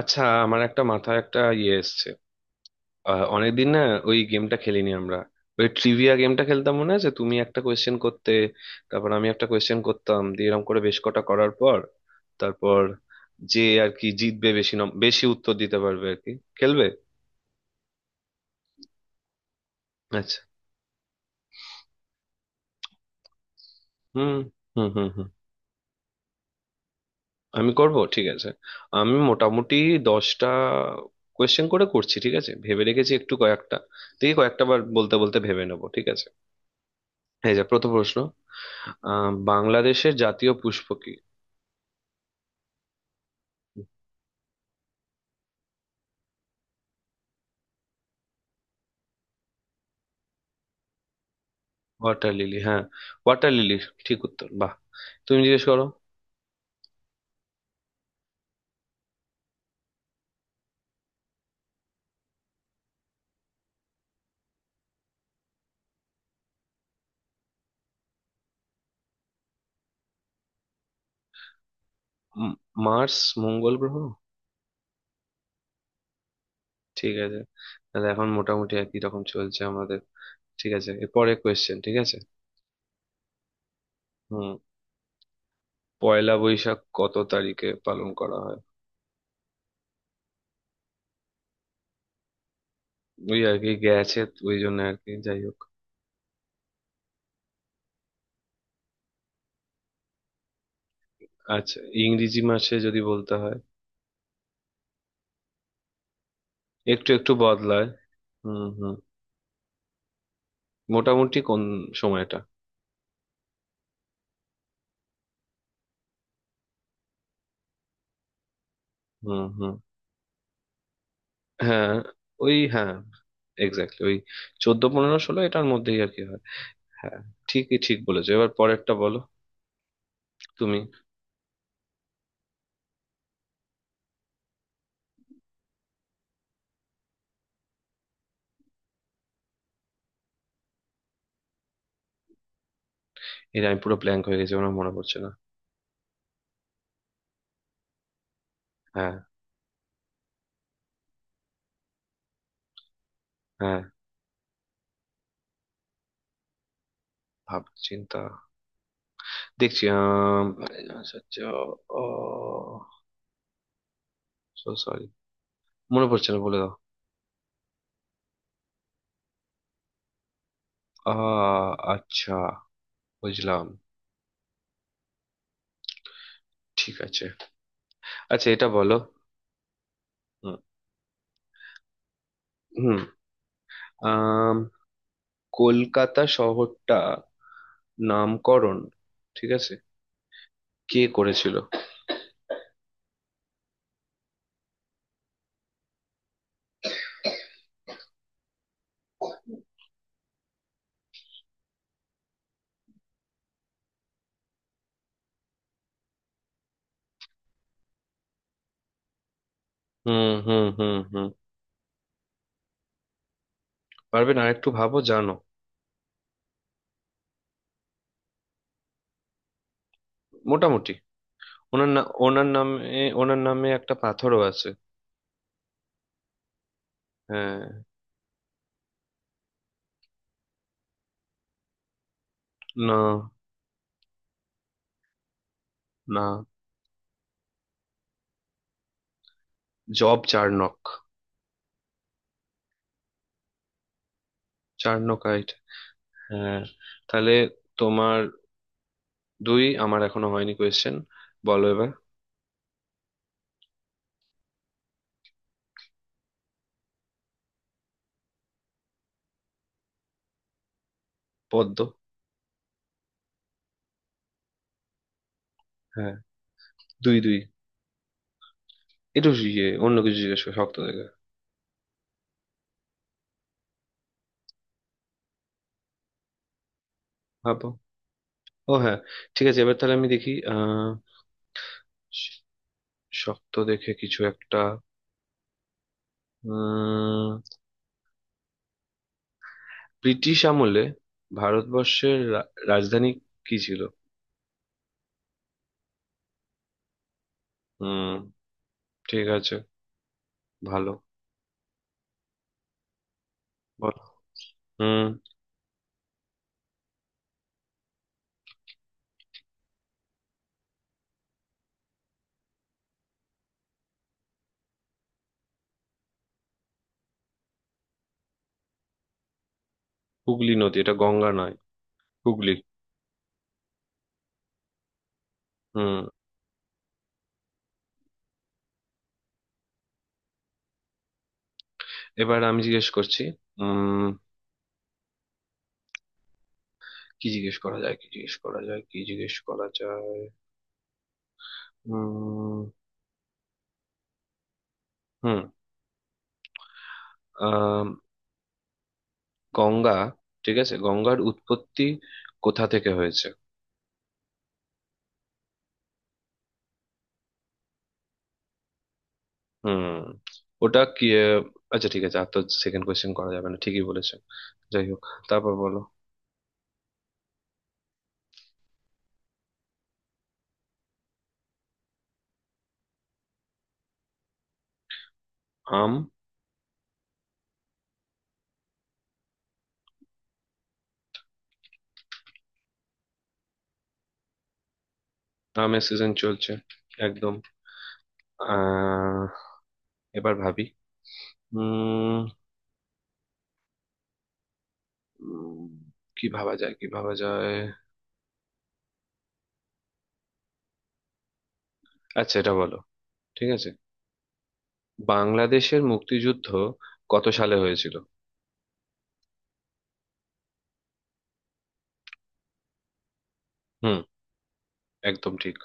আচ্ছা, আমার একটা মাথায় একটা ইয়ে এসছে। অনেকদিন না ওই গেমটা খেলিনি আমরা। ওই ট্রিভিয়া গেমটা খেলতাম মনে আছে? তুমি একটা কোয়েশ্চেন করতে, তারপর আমি একটা কোয়েশ্চেন করতাম, দিয়ে এরকম করে বেশ কটা করার পর, তারপর, যে আর কি জিতবে, বেশি বেশি উত্তর দিতে পারবে আর কি, খেলবে। আচ্ছা। হুম হুম হুম হুম। আমি করব, ঠিক আছে। আমি মোটামুটি 10টা কোয়েশ্চেন করে করছি, ঠিক আছে, ভেবে রেখেছি একটু কয়েকটা, দেখি কয়েকটা বার বলতে বলতে ভেবে নেবো, ঠিক আছে। এই যে প্রথম প্রশ্ন। বাংলাদেশের জাতীয় পুষ্প কি? ওয়াটার লিলি, হ্যাঁ। Water lily. ঠিক উত্তর, বাহ। তুমি জিজ্ঞেস করো। উম, মার্স, মঙ্গল গ্রহ। ঠিক আছে। তাহলে এখন মোটামুটি একই রকম চলছে আমাদের। ঠিক আছে, এরপরে কোয়েশ্চেন, ঠিক আছে। হুম। পয়লা বৈশাখ কত তারিখে পালন করা হয়? ওই আর কি গেছে, ওই জন্য আর কি, যাই হোক। আচ্ছা, ইংরেজি মাসে যদি বলতে হয়, একটু একটু বদলায়। হুম হুম। মোটামুটি কোন সময়টা? হুম হুম। হ্যাঁ, ওই হ্যাঁ, এক্স্যাক্টলি ওই, 14, 15, 16 এটার মধ্যেই আর কি হয়। হ্যাঁ। ঠিকই, ঠিক বলেছো, এবার পরেরটা বলো তুমি। এর আমি পুরো ব্ল্যাঙ্ক হয়ে গেছি, আমার মনে পড়ছে না। হ্যাঁ। হ্যাঁ। ভাব চিন্তা দেখছি। আচ্ছা আচ্ছা, ও, সো সরি, মনে পড়ছে না, বলে দাও। আ, আচ্ছা, বুঝলাম। ঠিক আছে। আচ্ছা, এটা বলো। হুম। হুম, আম, কলকাতা শহরটা, নামকরণ, ঠিক আছে, কে করেছিল? হুম হুম হুম হুম। পারবেন, আর একটু ভাবো, জানো। মোটামুটি। ওনার না, ওনার নামে একটা পাথরও আছে। হ্যাঁ। না। না। Job Charnock. চার্নকাইট। হ্যাঁ। তাহলে তোমার দুই, আমার এখনো হয়নি কোয়েশ্চেন, বলো এবার। পদ্ম। হ্যাঁ। দুই দুই। একটু ইয়ে অন্য কিছু জিজ্ঞেস করো শক্ত দেখে। ভাবো। ও হ্যাঁ, ঠিক আছে, এবার তাহলে আমি দেখি। শ- শক্ত দেখে কিছু একটা। ব্রিটিশ আমলে ভারতবর্ষের রাজধানী কি ছিল? হুম, ঠিক আছে, ভালো। বলো। হুম। হুগলি নদী, এটা গঙ্গা নয়। হুগলি। হুম। এবার আমি জিজ্ঞেস করছি। উম। কি জিজ্ঞেস করা যায়, কি জিজ্ঞেস করা যায়, কি জিজ্ঞেস করা যায়? উম। হুম। আহ। গঙ্গা, ঠিক আছে, গঙ্গার উৎপত্তি কোথা থেকে হয়েছে? হুম। ওটা কি? আচ্ছা ঠিক আছে, আর তো সেকেন্ড কোয়েশ্চেন করা যাবে না, ঠিকই বলেছে। যাই হোক, তারপর বলো। আম। আমের সিজন চলছে, একদম। আহ, এবার ভাবি। উম। উম, কি ভাবা যায়, কি ভাবা যায়? আচ্ছা, এটা বলো, ঠিক আছে। বাংলাদেশের মুক্তিযুদ্ধ কত সালে হয়েছিল? হুম, একদম ঠিক।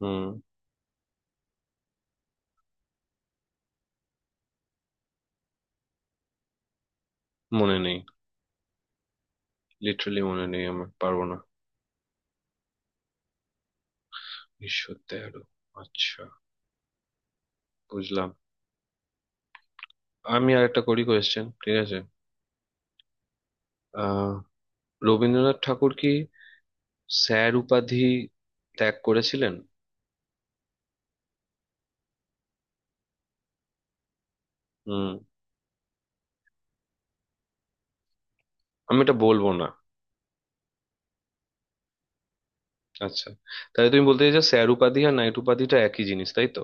হুম। মনে নেই। লিটারালি মনে নেই আমার, পারবো না। ঈশ্বর, 13? আচ্ছা, বুঝলাম। আমি আরেকটা করি কোয়েশ্চেন, ঠিক আছে। আহ, রবীন্দ্রনাথ ঠাকুর কি স্যার উপাধি ত্যাগ করেছিলেন? হুম। আমি এটা বলবো না। আচ্ছা, তাহলে তুমি বলতে চাইছো স্যার উপাধি আর নাইট উপাধিটা একই জিনিস, তাই তো?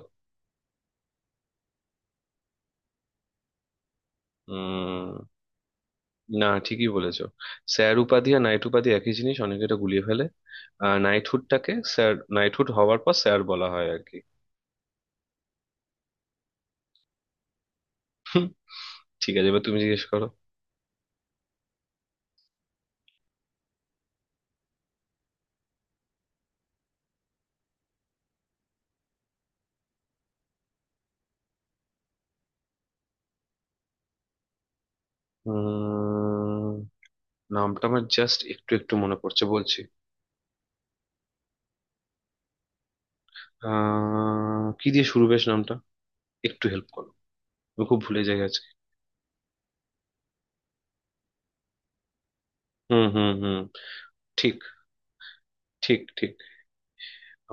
উম, না, ঠিকই বলেছো। স্যার উপাধি আর নাইট উপাধি একই জিনিস, অনেকে এটা গুলিয়ে ফেলে। আর নাইটহুডটাকে স্যার, নাইটহুড হওয়ার পর স্যার বলা হয় আর কি। হুম। ঠিক আছে, এবার তুমি জিজ্ঞেস করো। উম। নামটা আমার জাস্ট একটু একটু মনে পড়ছে, বলছি। আহ, কি দিয়ে শুরু বেশ নামটা? একটু হেল্প করো, আমি খুব ভুলে যাই আজকে। হুম হুম হুম। ঠিক ঠিক ঠিক।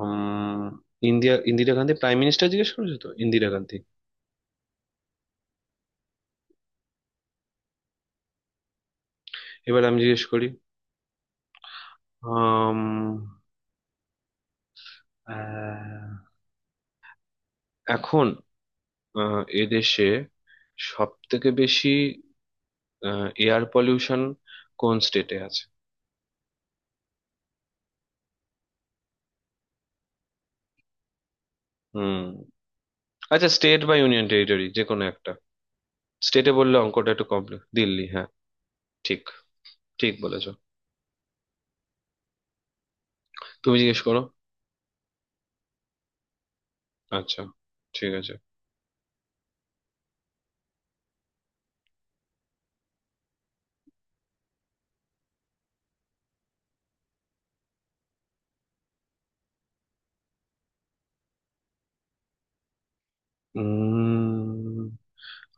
উম। ইন্দিরা ইন্দিরা গান্ধী, প্রাইম মিনিস্টার জিজ্ঞেস করেছো তো, ইন্দিরা গান্ধী। এবার আমি জিজ্ঞেস করি। আম, আহ, এখন, এদেশে সব থেকে বেশি এয়ার পলিউশন কোন স্টেটে আছে? হুম। আচ্ছা, স্টেট বা ইউনিয়ন টেরিটরি যে কোনো একটা। স্টেটে বললে অঙ্কটা একটু কমপ্লেক্স, দিল্লি, হ্যাঁ। ঠিক, ঠিক বলেছো, তুমি জিজ্ঞেস করো। আচ্ছা, ঠিক আছে। উম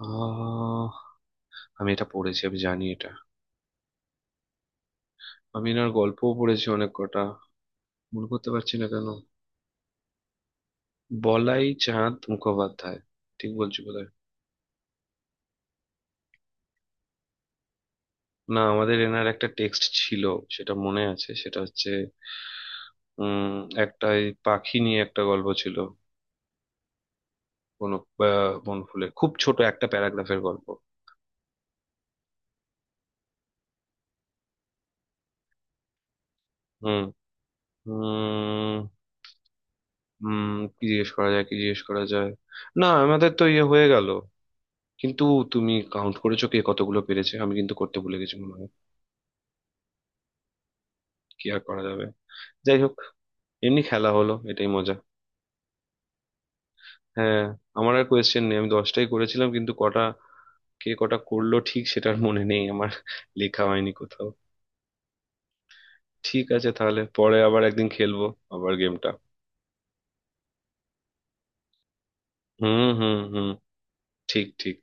আহ, আমি এটা পড়েছি, আমি জানি এটা, আমি এনার গল্পও পড়েছি অনেক কটা, মনে করতে পারছি না কেন। বলাই চাঁদ মুখোপাধ্যায়। ঠিক বলছি বোধহয়। না, আমাদের এনার একটা টেক্সট ছিল, সেটা মনে আছে। সেটা হচ্ছে, উম, একটা এই পাখি নিয়ে একটা গল্প ছিল কোন বনফুলে, খুব ছোট একটা প্যারাগ্রাফের গল্প। হুম হুম হুম। কি জিজ্ঞেস করা যায়, কি জিজ্ঞেস করা যায়? না, আমাদের তো ইয়ে হয়ে গেল কিন্তু, তুমি কাউন্ট করেছো কে কতগুলো পেরেছে? আমি কিন্তু করতে ভুলে গেছি মনে হয়। কি আর করা যাবে, যাই হোক, এমনি খেলা হলো, এটাই মজা। হ্যাঁ। আমার আর কোয়েশ্চেন নেই, আমি 10টাই করেছিলাম, কিন্তু কটা, কে কটা করলো ঠিক সেটার মনে নেই আমার। লেখা হয়নি কোথাও। ঠিক আছে, তাহলে পরে আবার একদিন খেলবো, আবার গেমটা। হুম হুম হুম। ঠিক ঠিক।